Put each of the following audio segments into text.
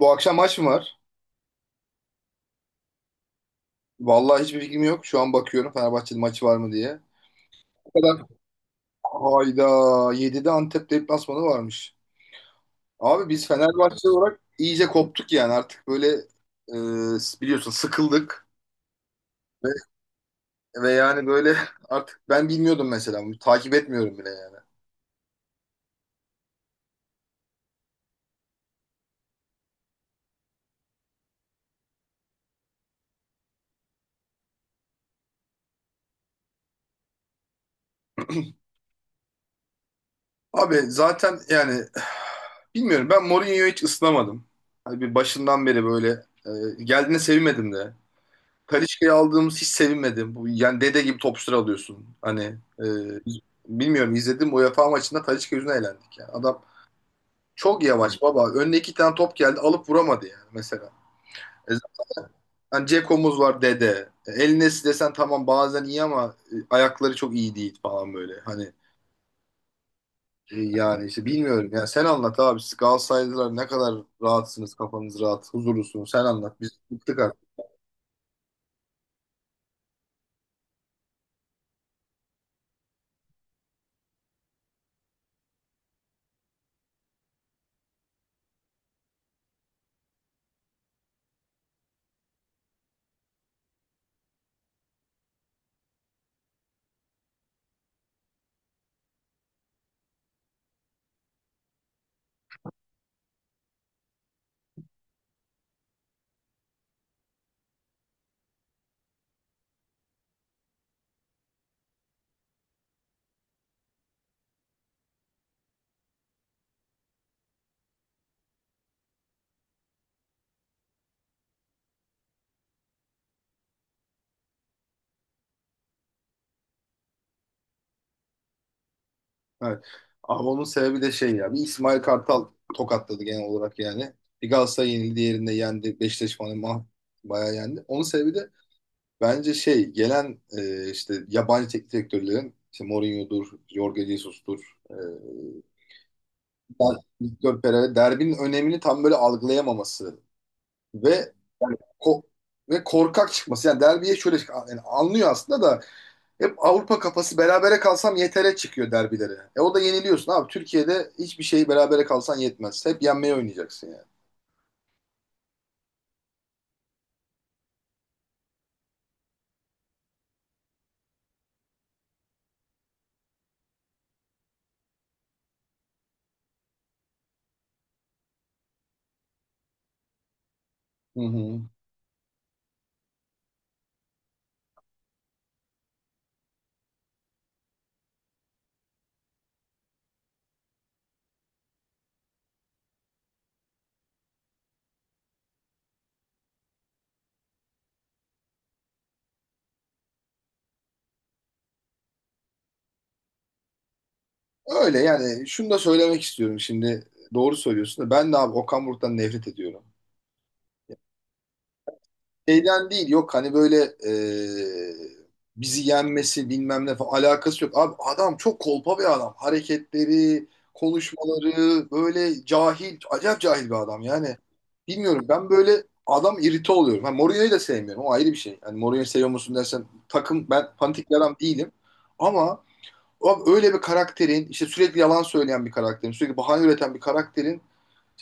Bu akşam maç mı var? Vallahi hiçbir fikrim yok. Şu an bakıyorum Fenerbahçe'de maçı var mı diye. O kadar. Hayda. 7'de Antep deplasmanı varmış. Abi biz Fenerbahçe olarak iyice koptuk yani. Artık böyle biliyorsun sıkıldık. Ve, ve yani böyle artık ben bilmiyordum mesela. Takip etmiyorum bile yani. Abi zaten yani bilmiyorum ben Mourinho'yu hiç ısınamadım. Hani bir başından beri böyle geldiğine sevmedim de. Kalişka'yı aldığımız hiç sevinmedim. Bu, yani dede gibi topçuları alıyorsun. Hani bilmiyorum izledim UEFA maçında Kalişka yüzüne eğlendik. Yani. Adam çok yavaş baba. Önüne 2 tane top geldi alıp vuramadı yani mesela. E, zaten Ceko'muz var dede. E, El desen tamam bazen iyi ama ayakları çok iyi değil falan böyle. Hani yani işte bilmiyorum. Yani sen anlat abi. Siz Galatasaraylılar ne kadar rahatsınız, kafanız rahat, huzurlusunuz. Sen anlat. Biz bıktık artık. Evet. Abi onun sebebi de şey ya. Bir İsmail Kartal tokatladı genel olarak yani. Bir Galatasaray yenildi, diğerinde yendi. Beşiktaş falan mah bayağı yendi. Onun sebebi de bence şey gelen işte yabancı teknik direktörlerin işte Mourinho'dur, Jorge Jesus'tur, Victor Pereira derbinin önemini tam böyle algılayamaması ve ko- ve korkak çıkması. Yani derbiye şöyle yani anlıyor aslında da hep Avrupa kafası berabere kalsam yetere çıkıyor derbilere. E o da yeniliyorsun abi. Türkiye'de hiçbir şeyi berabere kalsan yetmez. Hep yenmeye oynayacaksın yani. Hı hı. Öyle yani şunu da söylemek istiyorum şimdi. Doğru söylüyorsun da ben de abi Okan Buruk'tan nefret ediyorum. Şeyden değil yok hani böyle e, bizi yenmesi bilmem ne falan alakası yok. Abi adam çok kolpa bir adam. Hareketleri, konuşmaları böyle cahil, acayip cahil bir adam yani. Bilmiyorum ben böyle adam irite oluyorum. Ha, Mourinho'yu da sevmiyorum o ayrı bir şey. Yani Mourinho'yu seviyor musun dersen takım ben fanatik bir adam değilim. Ama abi öyle bir karakterin işte sürekli yalan söyleyen bir karakterin sürekli bahane üreten bir karakterin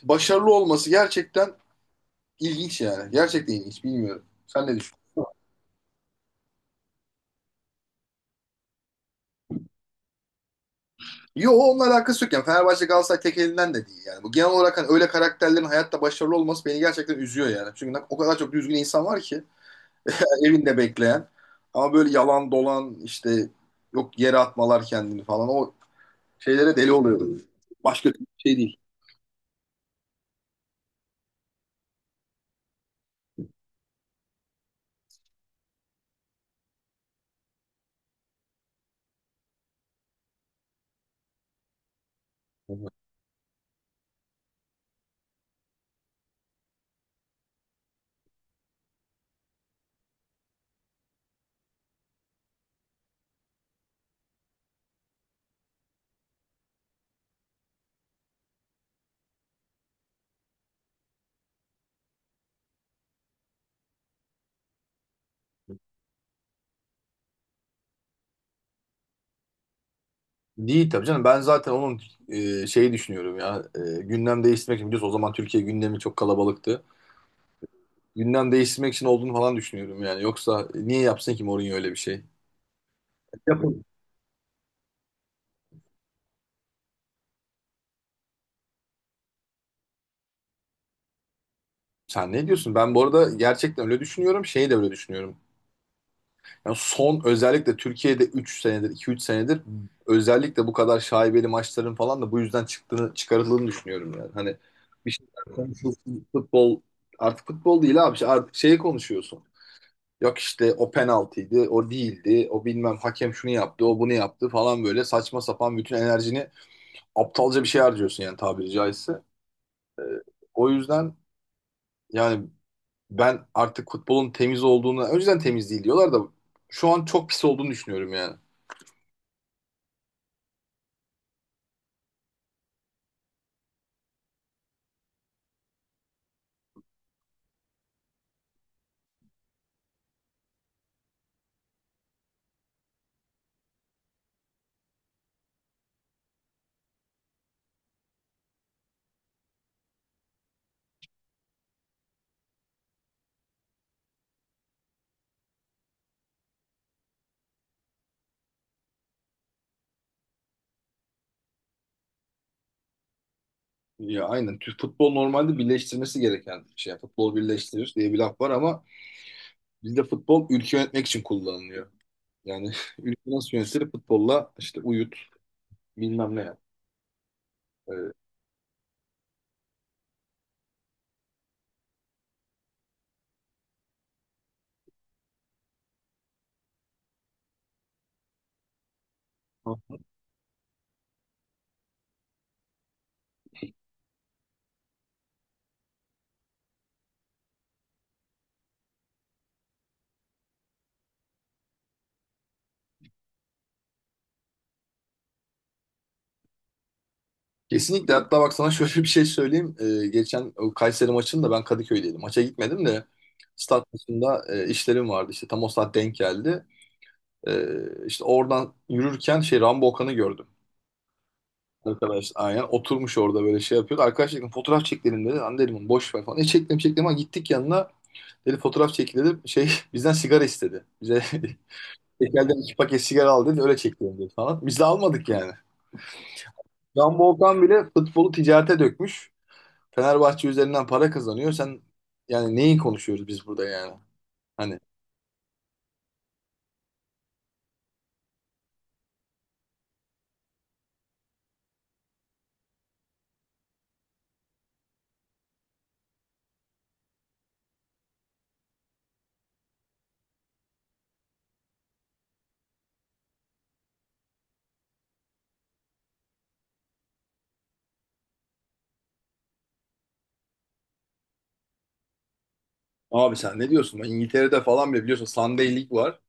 başarılı olması gerçekten ilginç yani. Gerçekten ilginç bilmiyorum. Sen ne düşünüyorsun? Yo onunla alakası yok yani. Fenerbahçe Galatasaray tek elinden de değil yani. Bu genel olarak hani öyle karakterlerin hayatta başarılı olması beni gerçekten üzüyor yani. Çünkü o kadar çok düzgün insan var ki yani evinde bekleyen ama böyle yalan dolan işte yok yere atmalar kendini falan o şeylere deli oluyorum. Başka türlü bir şey değil. Hı hı. Değil tabii canım. Ben zaten onun şeyi düşünüyorum ya. E, gündem değiştirmek için biliyorsun o zaman Türkiye gündemi çok kalabalıktı. Gündem değiştirmek için olduğunu falan düşünüyorum yani. Yoksa niye yapsın ki Mourinho öyle bir şey? Yapın. Sen ne diyorsun? Ben bu arada gerçekten öyle düşünüyorum. Şeyi de öyle düşünüyorum. Yani son özellikle Türkiye'de iki üç senedir özellikle bu kadar şaibeli maçların falan da bu yüzden çıktığını, çıkarıldığını düşünüyorum yani. Hani bir şeyler konuşulsun, futbol artık futbol değil abi. İşte artık şeyi konuşuyorsun. Yok işte o penaltıydı, o değildi, o bilmem hakem şunu yaptı, o bunu yaptı falan böyle saçma sapan bütün enerjini aptalca bir şey harcıyorsun yani tabiri caizse. O yüzden yani ben artık futbolun temiz olduğunu, önceden temiz değil diyorlar da şu an çok pis olduğunu düşünüyorum yani. Ya aynen. Türk futbol normalde birleştirmesi gereken bir şey. Yani futbol birleştirir diye bir laf var ama bizde futbol ülke yönetmek için kullanılıyor. Yani ülke nasıl yönetilir futbolla işte uyut bilmem ne yap. Ee, ha. Kesinlikle hatta bak sana şöyle bir şey söyleyeyim. Geçen o Kayseri maçında ben Kadıköy'deydim. Maça gitmedim de stat maçında işlerim vardı. İşte tam o saat denk geldi. İşte oradan yürürken şey Rambo Okan'ı gördüm. Arkadaş aynen oturmuş orada böyle şey yapıyordu. Arkadaş dedim fotoğraf çekelim dedi. Lan dedim boş ver falan. E çektim çektim ama gittik yanına. Dedi fotoğraf çekin dedim. Şey bizden sigara istedi. Bize tekelden 2 paket sigara al dedi. Öyle çekelim dedi falan. Biz de almadık yani. Can Volkan bile futbolu ticarete dökmüş. Fenerbahçe üzerinden para kazanıyor. Sen yani neyi konuşuyoruz biz burada yani? Hani abi sen ne diyorsun? Ben İngiltere'de falan bile biliyorsun Sunday League var.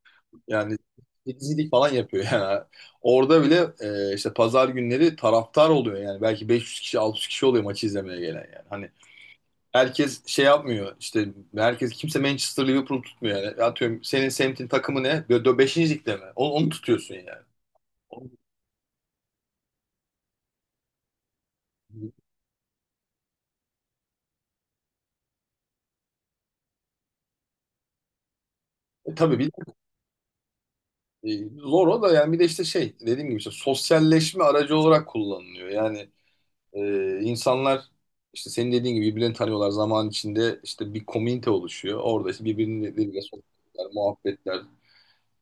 Yani temizlik falan yapıyor yani. Orada bile işte pazar günleri taraftar oluyor yani. Belki 500 kişi 600 kişi oluyor maçı izlemeye gelen yani. Hani herkes şey yapmıyor işte herkes kimse Manchester Liverpool tutmuyor yani. Atıyorum senin semtin takımı ne? 5. ligde mi? Onu, onu tutuyorsun yani. Onu- tabii bir zor o da yani bir de işte şey dediğim gibi işte sosyalleşme aracı olarak kullanılıyor. Yani insanlar işte senin dediğin gibi birbirini tanıyorlar. Zaman içinde işte bir komünite oluşuyor. Orada işte birbirleriyle sohbetler, muhabbetler.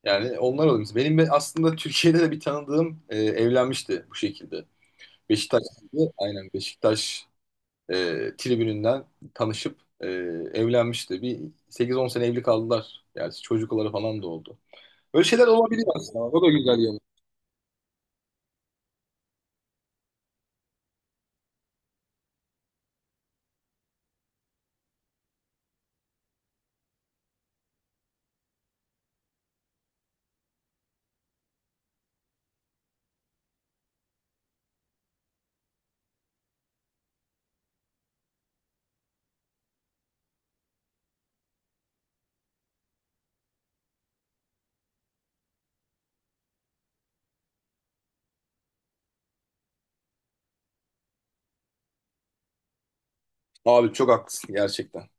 Yani onlar oluyor. Mesela benim aslında Türkiye'de de bir tanıdığım evlenmişti bu şekilde. Beşiktaş'taydı. Aynen Beşiktaş e, tribününden tanışıp evlenmişti. Bir 8 10 sene evli kaldılar. Yani çocukları falan da oldu. Böyle şeyler olabilir aslında. O da güzel yanı. Abi çok haklısın gerçekten.